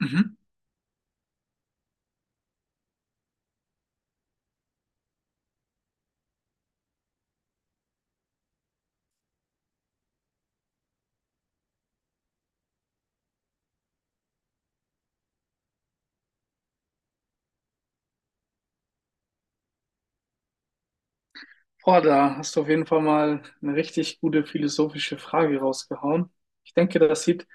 Mhm. Boah, da hast du auf jeden Fall mal eine richtig gute philosophische Frage rausgehauen. Ich denke, das sieht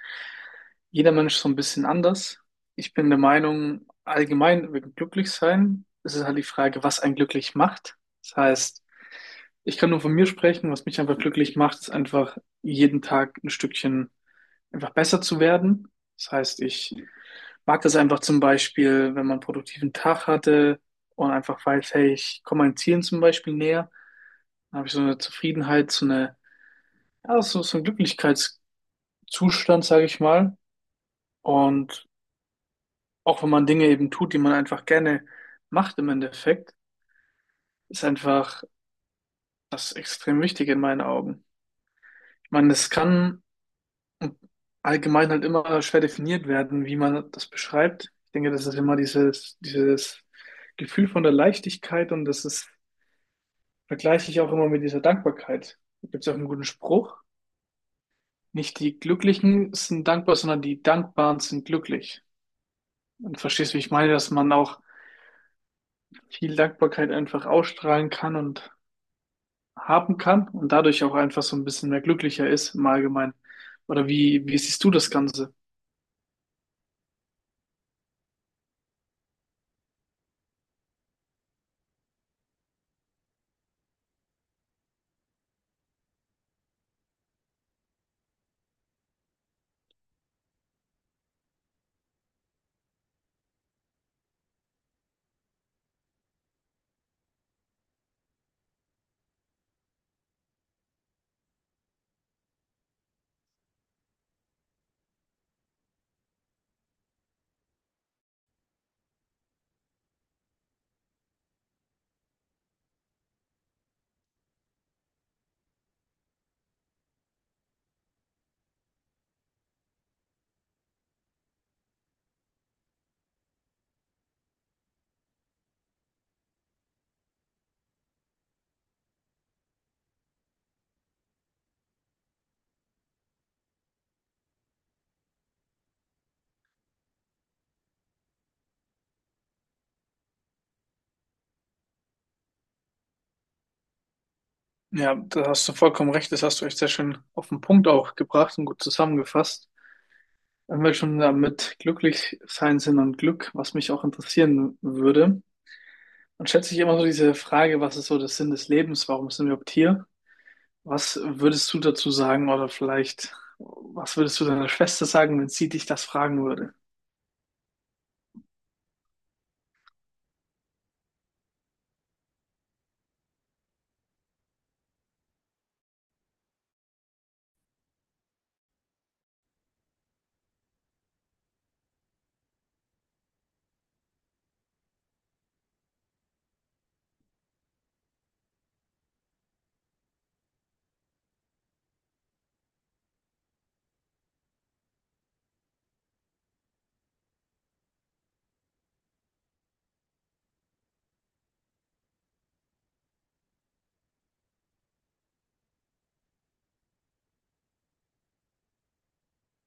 jeder Mensch so ein bisschen anders. Ich bin der Meinung, allgemein wegen Glücklichsein ist es halt die Frage, was einen glücklich macht. Das heißt, ich kann nur von mir sprechen, was mich einfach glücklich macht, ist einfach jeden Tag ein Stückchen einfach besser zu werden. Das heißt, ich mag das einfach zum Beispiel, wenn man einen produktiven Tag hatte und einfach weiß, hey, ich komme meinen Zielen zum Beispiel näher. Dann habe ich so eine Zufriedenheit, so eine, ja, so, so ein Glücklichkeitszustand, sage ich mal. Und auch wenn man Dinge eben tut, die man einfach gerne macht im Endeffekt, ist einfach das extrem wichtig in meinen Augen. Ich meine, es kann allgemein halt immer schwer definiert werden, wie man das beschreibt. Ich denke, das ist immer dieses Gefühl von der Leichtigkeit, und das ist, vergleiche ich auch immer mit dieser Dankbarkeit. Da gibt es auch einen guten Spruch. Nicht die Glücklichen sind dankbar, sondern die Dankbaren sind glücklich. Und verstehst, du, wie ich meine, dass man auch viel Dankbarkeit einfach ausstrahlen kann und haben kann und dadurch auch einfach so ein bisschen mehr glücklicher ist im Allgemeinen. Oder wie siehst du das Ganze? Ja, da hast du vollkommen recht. Das hast du echt sehr schön auf den Punkt auch gebracht und gut zusammengefasst. Wenn wir schon damit glücklich sein sind und Glück, was mich auch interessieren würde, dann stellt sich immer so diese Frage, was ist so der Sinn des Lebens? Warum sind wir überhaupt hier? Was würdest du dazu sagen, oder vielleicht, was würdest du deiner Schwester sagen, wenn sie dich das fragen würde?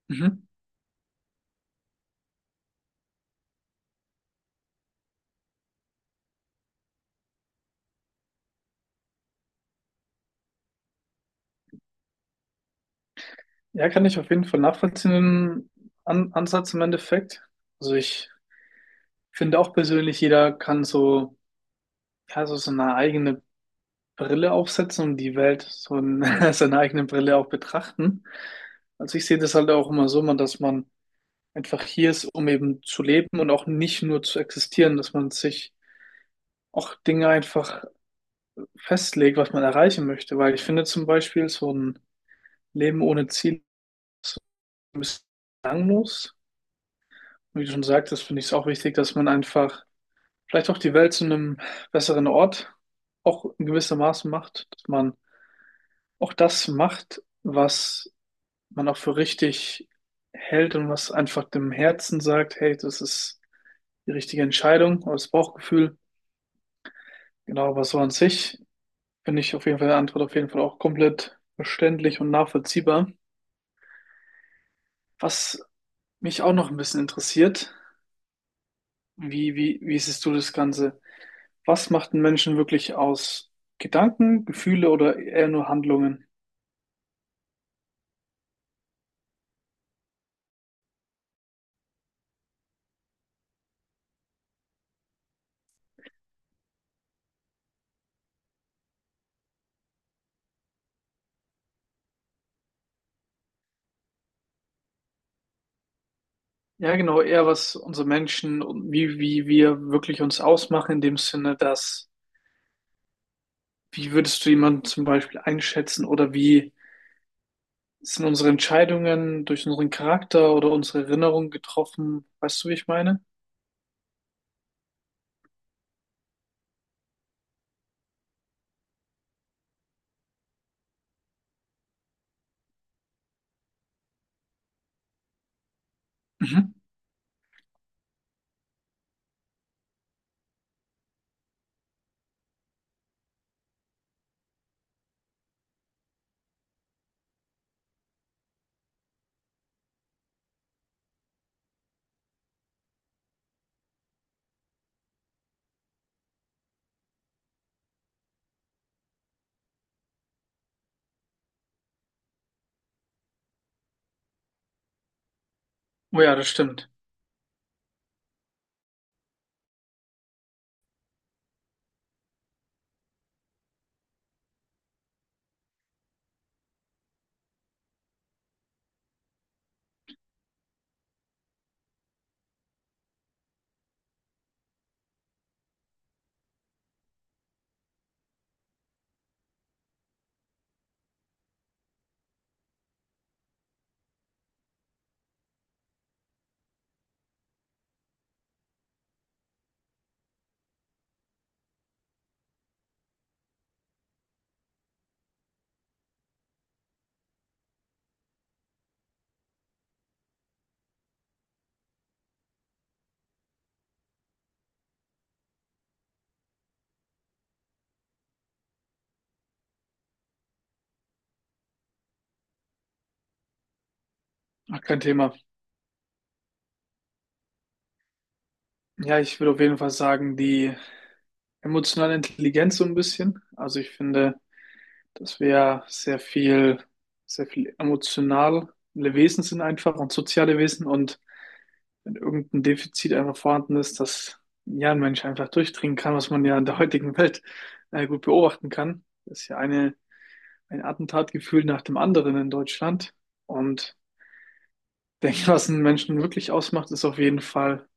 Mhm. Ja, kann ich auf jeden Fall nachvollziehen, den An Ansatz im Endeffekt. Also ich finde auch persönlich, jeder kann so, ja, so seine eigene Brille aufsetzen und die Welt so in seine eigene Brille auch betrachten. Also ich sehe das halt auch immer so, man, dass man einfach hier ist, um eben zu leben und auch nicht nur zu existieren, dass man sich auch Dinge einfach festlegt, was man erreichen möchte, weil ich finde zum Beispiel so ein Leben ohne Ziel ein bisschen langlos. Wie du schon sagtest, finde ich es auch wichtig, dass man einfach vielleicht auch die Welt zu einem besseren Ort auch in gewissem Maße macht, dass man auch das macht, was man auch für richtig hält und was einfach dem Herzen sagt, hey, das ist die richtige Entscheidung oder das Bauchgefühl. Genau, aber so an sich finde ich auf jeden Fall die Antwort auf jeden Fall auch komplett verständlich und nachvollziehbar. Was mich auch noch ein bisschen interessiert: Wie siehst du das Ganze? Was macht einen Menschen wirklich aus? Gedanken, Gefühle oder eher nur Handlungen? Ja, genau, eher was unsere Menschen und wie wir wirklich uns ausmachen, in dem Sinne, dass, wie würdest du jemanden zum Beispiel einschätzen, oder wie sind unsere Entscheidungen durch unseren Charakter oder unsere Erinnerungen getroffen? Weißt du, wie ich meine? Mhm. Oh ja, das stimmt. Ach, kein Thema. Ja, ich würde auf jeden Fall sagen, die emotionale Intelligenz so ein bisschen. Also ich finde, dass wir ja sehr viel emotionale Wesen sind einfach und soziale Wesen, und wenn irgendein Defizit einfach vorhanden ist, dass ja ein Mensch einfach durchdringen kann, was man ja in der heutigen Welt gut beobachten kann. Das ist ja eine, ein Attentatgefühl nach dem anderen in Deutschland. Und ich denke, was einen Menschen wirklich ausmacht, ist auf jeden Fall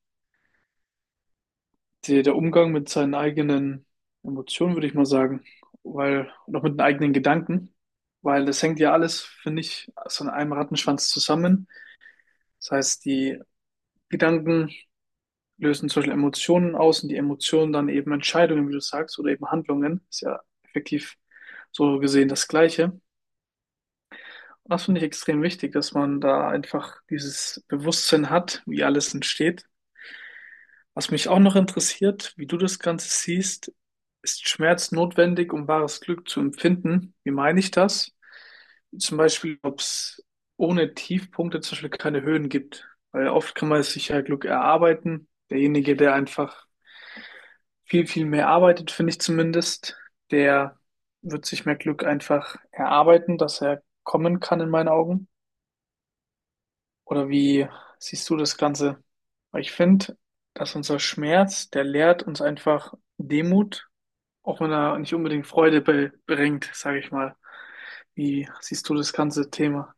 die, der Umgang mit seinen eigenen Emotionen, würde ich mal sagen, weil, und auch mit den eigenen Gedanken, weil das hängt ja alles, finde ich, so in einem Rattenschwanz zusammen. Das heißt, die Gedanken lösen zum Beispiel Emotionen aus und die Emotionen dann eben Entscheidungen, wie du sagst, oder eben Handlungen. Ist ja effektiv so gesehen das Gleiche. Und das finde ich extrem wichtig, dass man da einfach dieses Bewusstsein hat, wie alles entsteht. Was mich auch noch interessiert, wie du das Ganze siehst: ist Schmerz notwendig, um wahres Glück zu empfinden? Wie meine ich das? Zum Beispiel, ob es ohne Tiefpunkte zum Beispiel keine Höhen gibt. Weil oft kann man sich ja Glück erarbeiten. Derjenige, der einfach viel mehr arbeitet, finde ich zumindest, der wird sich mehr Glück einfach erarbeiten, dass er kommen kann in meinen Augen. Oder wie siehst du das Ganze? Weil ich finde, dass unser Schmerz, der lehrt uns einfach Demut, auch wenn er nicht unbedingt Freude be bringt, sage ich mal. Wie siehst du das ganze Thema?